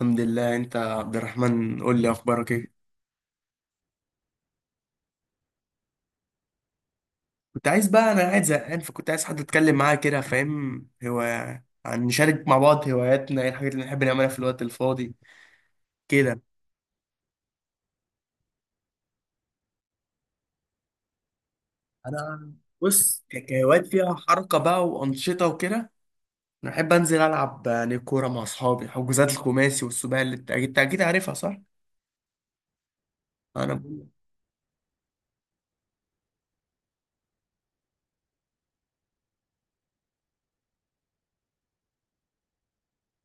الحمد لله. انت يا عبد الرحمن، قول لي اخبارك ايه؟ كنت عايز بقى، انا قاعد زهقان، فكنت عايز حد اتكلم معاه كده، فاهم؟ هو عن نشارك مع بعض هواياتنا، ايه الحاجات اللي بنحب نعملها في الوقت الفاضي كده. انا بص، كهوايات فيها حركه بقى وانشطه وكده. انا احب انزل العب يعني كوره مع اصحابي، حجوزات الخماسي والسباعي اللي انت اكيد أكيد عارفها، صح؟ انا بقول-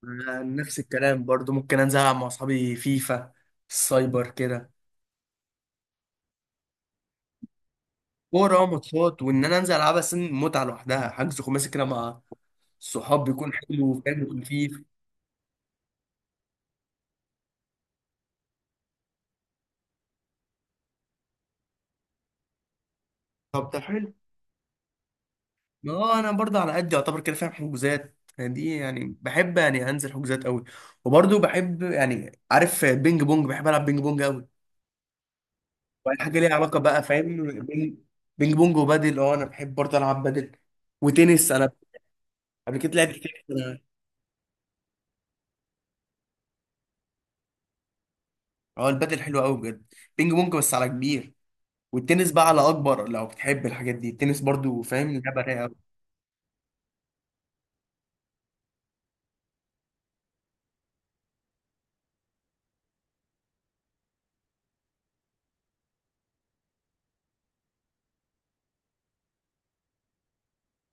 أنا نفس الكلام برضو، ممكن انزل العب مع اصحابي فيفا السايبر كده. كورة وماتشات، وإن أنا أنزل ألعبها سن متعة لوحدها. حجز خماسي كده مع الصحاب بيكون حلو وفاهم وخفيف. طب ده حلو. ما هو أنا برضه على قد يعتبر كده، فاهم؟ حجوزات يعني دي، يعني بحب يعني أنزل حجوزات قوي. وبرضه بحب، يعني عارف، بينج بونج، بحب ألعب بينج بونج قوي. واي حاجة ليها علاقة بقى، فاهم؟ بينج بينج بونج وبادل. أنا بحب برضه ألعب بادل. وتنس، أنا قبل كده لعبت تنس أنا. أه، البادل حلو قوي بجد. بينج بونج بس على كبير، والتنس بقى على اكبر. لو بتحب الحاجات دي، التنس برضو فاهم، لعبه رايقه أوي.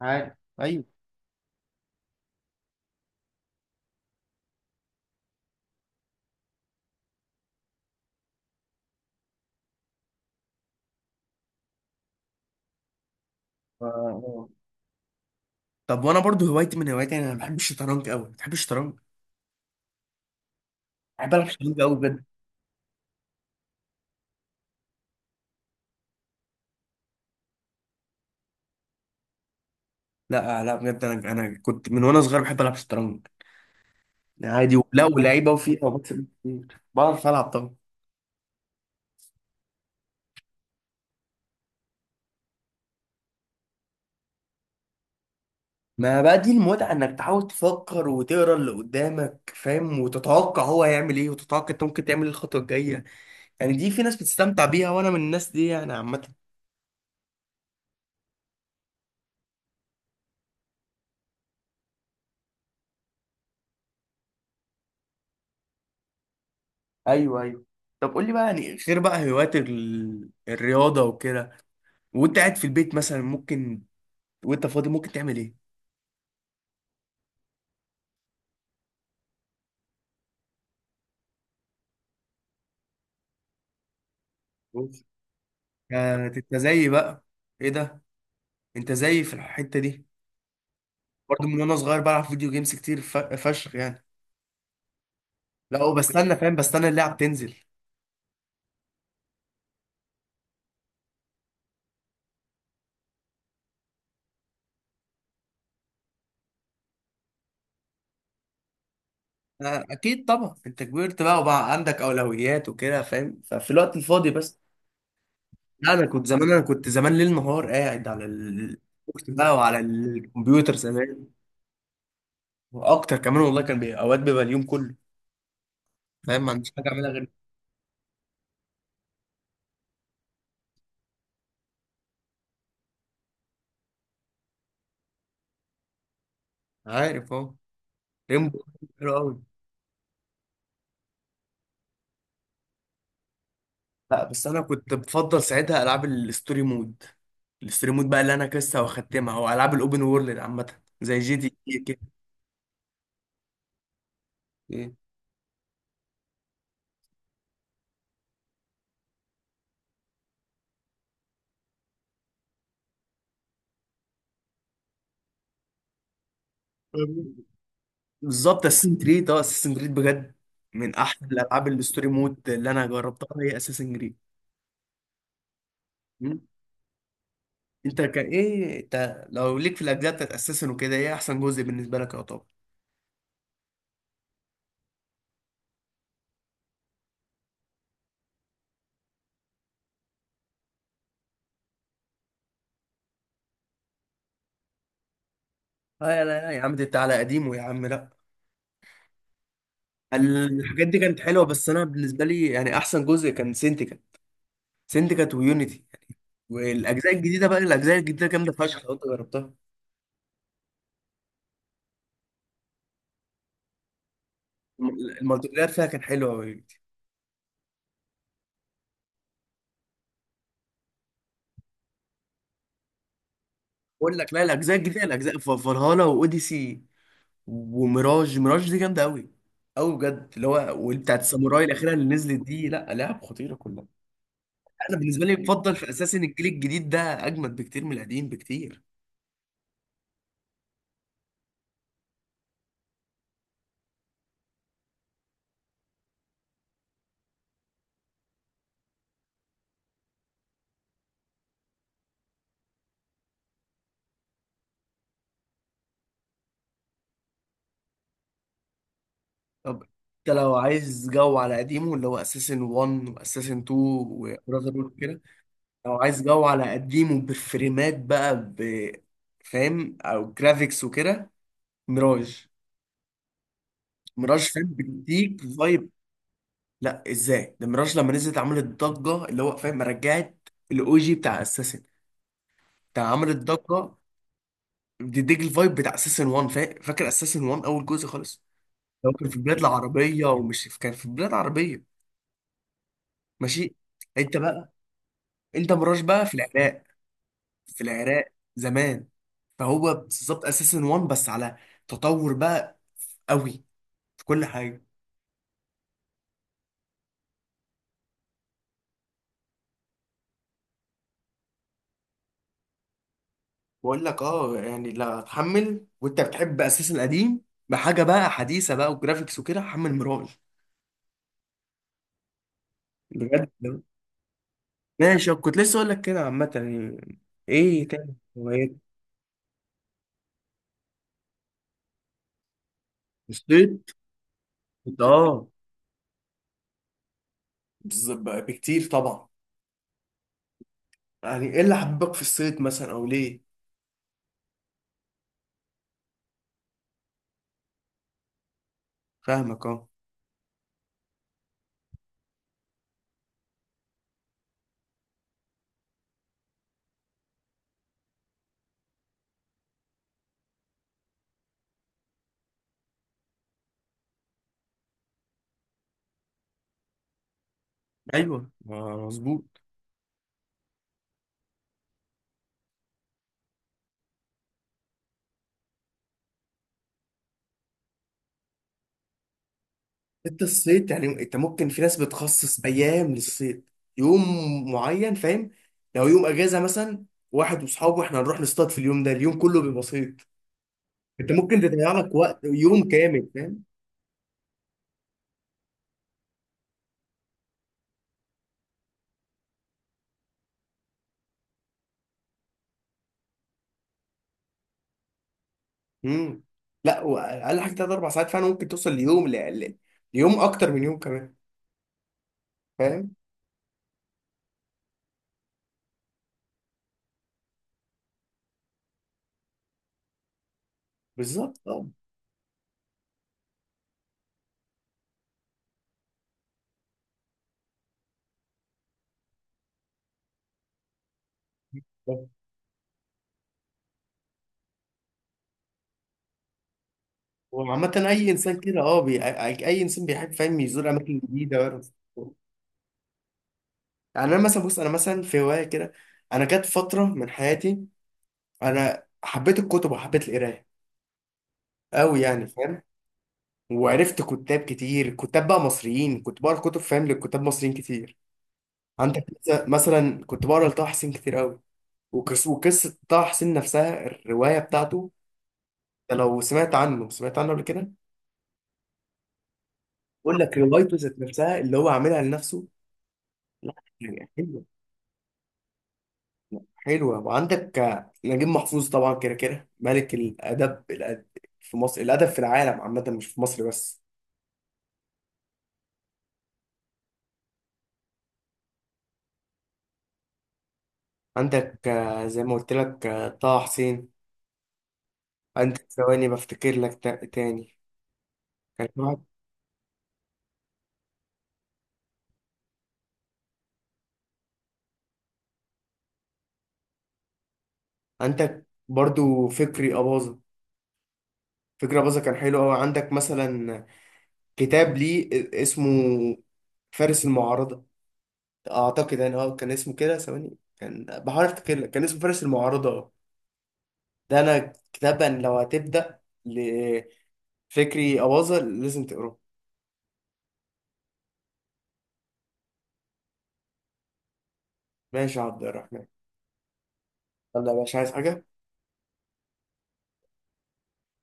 عارف، ايوه. آه. طب وانا برضو، هوايتي من هواياتي يعني، انا بحب الشطرنج قوي. بتحب الشطرنج؟ بحب العب شطرنج قوي بجد. لا، لا، بجد، انا كنت من وانا صغير بحب العب شطرنج. عادي، لا ولعيبه وفيها، وبكسب كتير، بعرف العب طبعا. ما بقى دي المتعه، انك تحاول تفكر وتقرا اللي قدامك، فاهم؟ وتتوقع هو هيعمل ايه، وتتوقع انت ممكن تعمل ايه الخطوه الجايه. يعني دي، في ناس بتستمتع بيها، وانا من الناس دي يعني، عامه. ايوه، ايوه. طب قول لي بقى، يعني غير بقى هوايات الرياضه وكده، وانت قاعد في البيت مثلا ممكن، وانت فاضي ممكن تعمل ايه؟ بص. آه، انت زيي بقى. ايه ده؟ انت زيي في الحته دي. برضه من وانا صغير بلعب فيديو جيمز كتير فشخ يعني. لا، وبستنى فاهم، بستنى اللعب تنزل. آه، اكيد طبعا، انت كبرت بقى وبقى عندك اولويات وكده فاهم، ففي الوقت الفاضي بس. لا، انا كنت زمان ليل نهار قاعد على ال- بقى، وعلى الكمبيوتر زمان، واكتر كمان والله. كان بي... اوقات بيبقى اليوم كله، فاهم، ما عنديش حاجه اعملها غير. عارف اهو. ريمبو، حلو قوي. لا بس انا كنت بفضل ساعتها العاب الستوري مود، الستوري مود بقى اللي انا لسه واختمها، او العاب الاوبن وورلد عامه زي جي تي اي كده. إيه. بالظبط، اساسن كريد، اساسن كريد بجد، من احسن الالعاب الستوري مود اللي انا جربتها هي اساسن كريد. مم. انت كان ايه، انت لو ليك في الاجزاء بتاعت اساسن وكده، ايه احسن جزء بالنسبه لك يا طب؟ لا، لا، لا يا عم، دي انت على قديمه يا عم، لا. الحاجات دي كانت حلوه، بس انا بالنسبه لي يعني، احسن جزء كان سنتيكا، سنتيكا ويونيتي. والاجزاء الجديده بقى، الاجزاء الجديده جامده فشخ لو انت جربتها. المالتي بلاير فيها كان حلو قوي. بقول لك، لا الاجزاء الجديده، الاجزاء فالهالا واوديسي وميراج، ميراج دي جامده قوي، قوي بجد، اللي هو وبتاعت الساموراي الاخيره اللي نزلت دي، لا لعب خطيره كلها. انا بالنسبه لي بفضل في اساس ان الجيل الجديد ده اجمد بكتير من القديم، بكتير. طب انت لو عايز جو على قديمه اللي هو اساسن 1 واساسن 2 وبراذر هود كده، لو عايز جو على قديمه بفريمات بقى ب، فاهم، او جرافيكس وكده. ميراج، ميراج فاهم، بتديك فايب. لا ازاي ده، ميراج لما نزلت عملت ضجه، اللي هو فاهم، رجعت الاو جي بتاع اساسن، بتاع، عملت ضجه، بتديك الفايب بتاع اساسن 1، فاكر اساسن 1 اول جزء خالص، لو كان في بلاد العربيه ومش كان في بلاد عربيه. ماشي. انت بقى، انت مراش بقى في العراق، في العراق زمان. فهو بالظبط اساسن وان، بس على تطور بقى، قوي في كل حاجه. بقول لك، اه يعني، لا هتحمل، وانت بتحب اساسن القديم، بحاجه بقى حديثه بقى وجرافيكس وكده، حمل مراج. بجد. ماشي، كنت لسه اقول لك كده عامه يعني، ايه تاني هوايات؟ الصيد، كنت اه. بالظبط بقى، بكتير طبعا. يعني ايه اللي حببك في الصيد مثلا، او ليه؟ فاهمك، اه. ايوه، مظبوط. انت الصيد يعني، انت ممكن، في ناس بتخصص ايام للصيد، يوم معين فاهم. لو يوم اجازه مثلا، واحد واصحابه، احنا هنروح نصطاد في اليوم ده، اليوم كله بيبقى صيد. انت ممكن تضيع لك وقت يوم كامل فاهم. امم. لا، واقل حاجه ثلاث اربع ساعات، فعلا ممكن توصل ليوم ل... ل... ليوم اكتر من يوم كمان. فاهم. بالظبط، اه. وعامة أي إنسان كده، بي... أي إنسان بيحب فاهم، يزور أماكن جديدة ويعرف. يعني أنا مثلا، بص، أنا مثلا في هواية كده، أنا جت فترة من حياتي، انا حبيت الكتب وحبيت القرايه قوي يعني، فاهم؟ وعرفت كتاب كتير، كتاب بقى مصريين، كنت بقرا كتب فاهم لكتاب مصريين كتير. عندك مثلا كنت بقرا لطه حسين كتير قوي، وقصه طه حسين نفسها، الروايه بتاعته. أنت لو سمعت عنه قبل كده؟ بقول لك، روايته ذات نفسها اللي هو عاملها لنفسه. لا، يعني حلوه، حلوه. وعندك نجيب محفوظ طبعا، كده كده ملك الادب، في مصر، الادب في العالم عامه، مش في مصر بس. عندك، زي ما قلت لك، طه حسين. عندك، ثواني بفتكر لك تاني. كان في واحد- عندك برضو فكري أباظة. فكري أباظة كان حلو أوي. عندك مثلا كتاب ليه، اسمه فارس المعارضة أعتقد، يعني كان اسمه كده، ثواني كان بحاول أفتكر لك، كان اسمه فارس المعارضة أه. ده أنا كتاب أن لو هتبدأ لفكري أباظة، لازم تقراه. ماشي يا عبد الرحمن. يلا يا باشا، عايز حاجة؟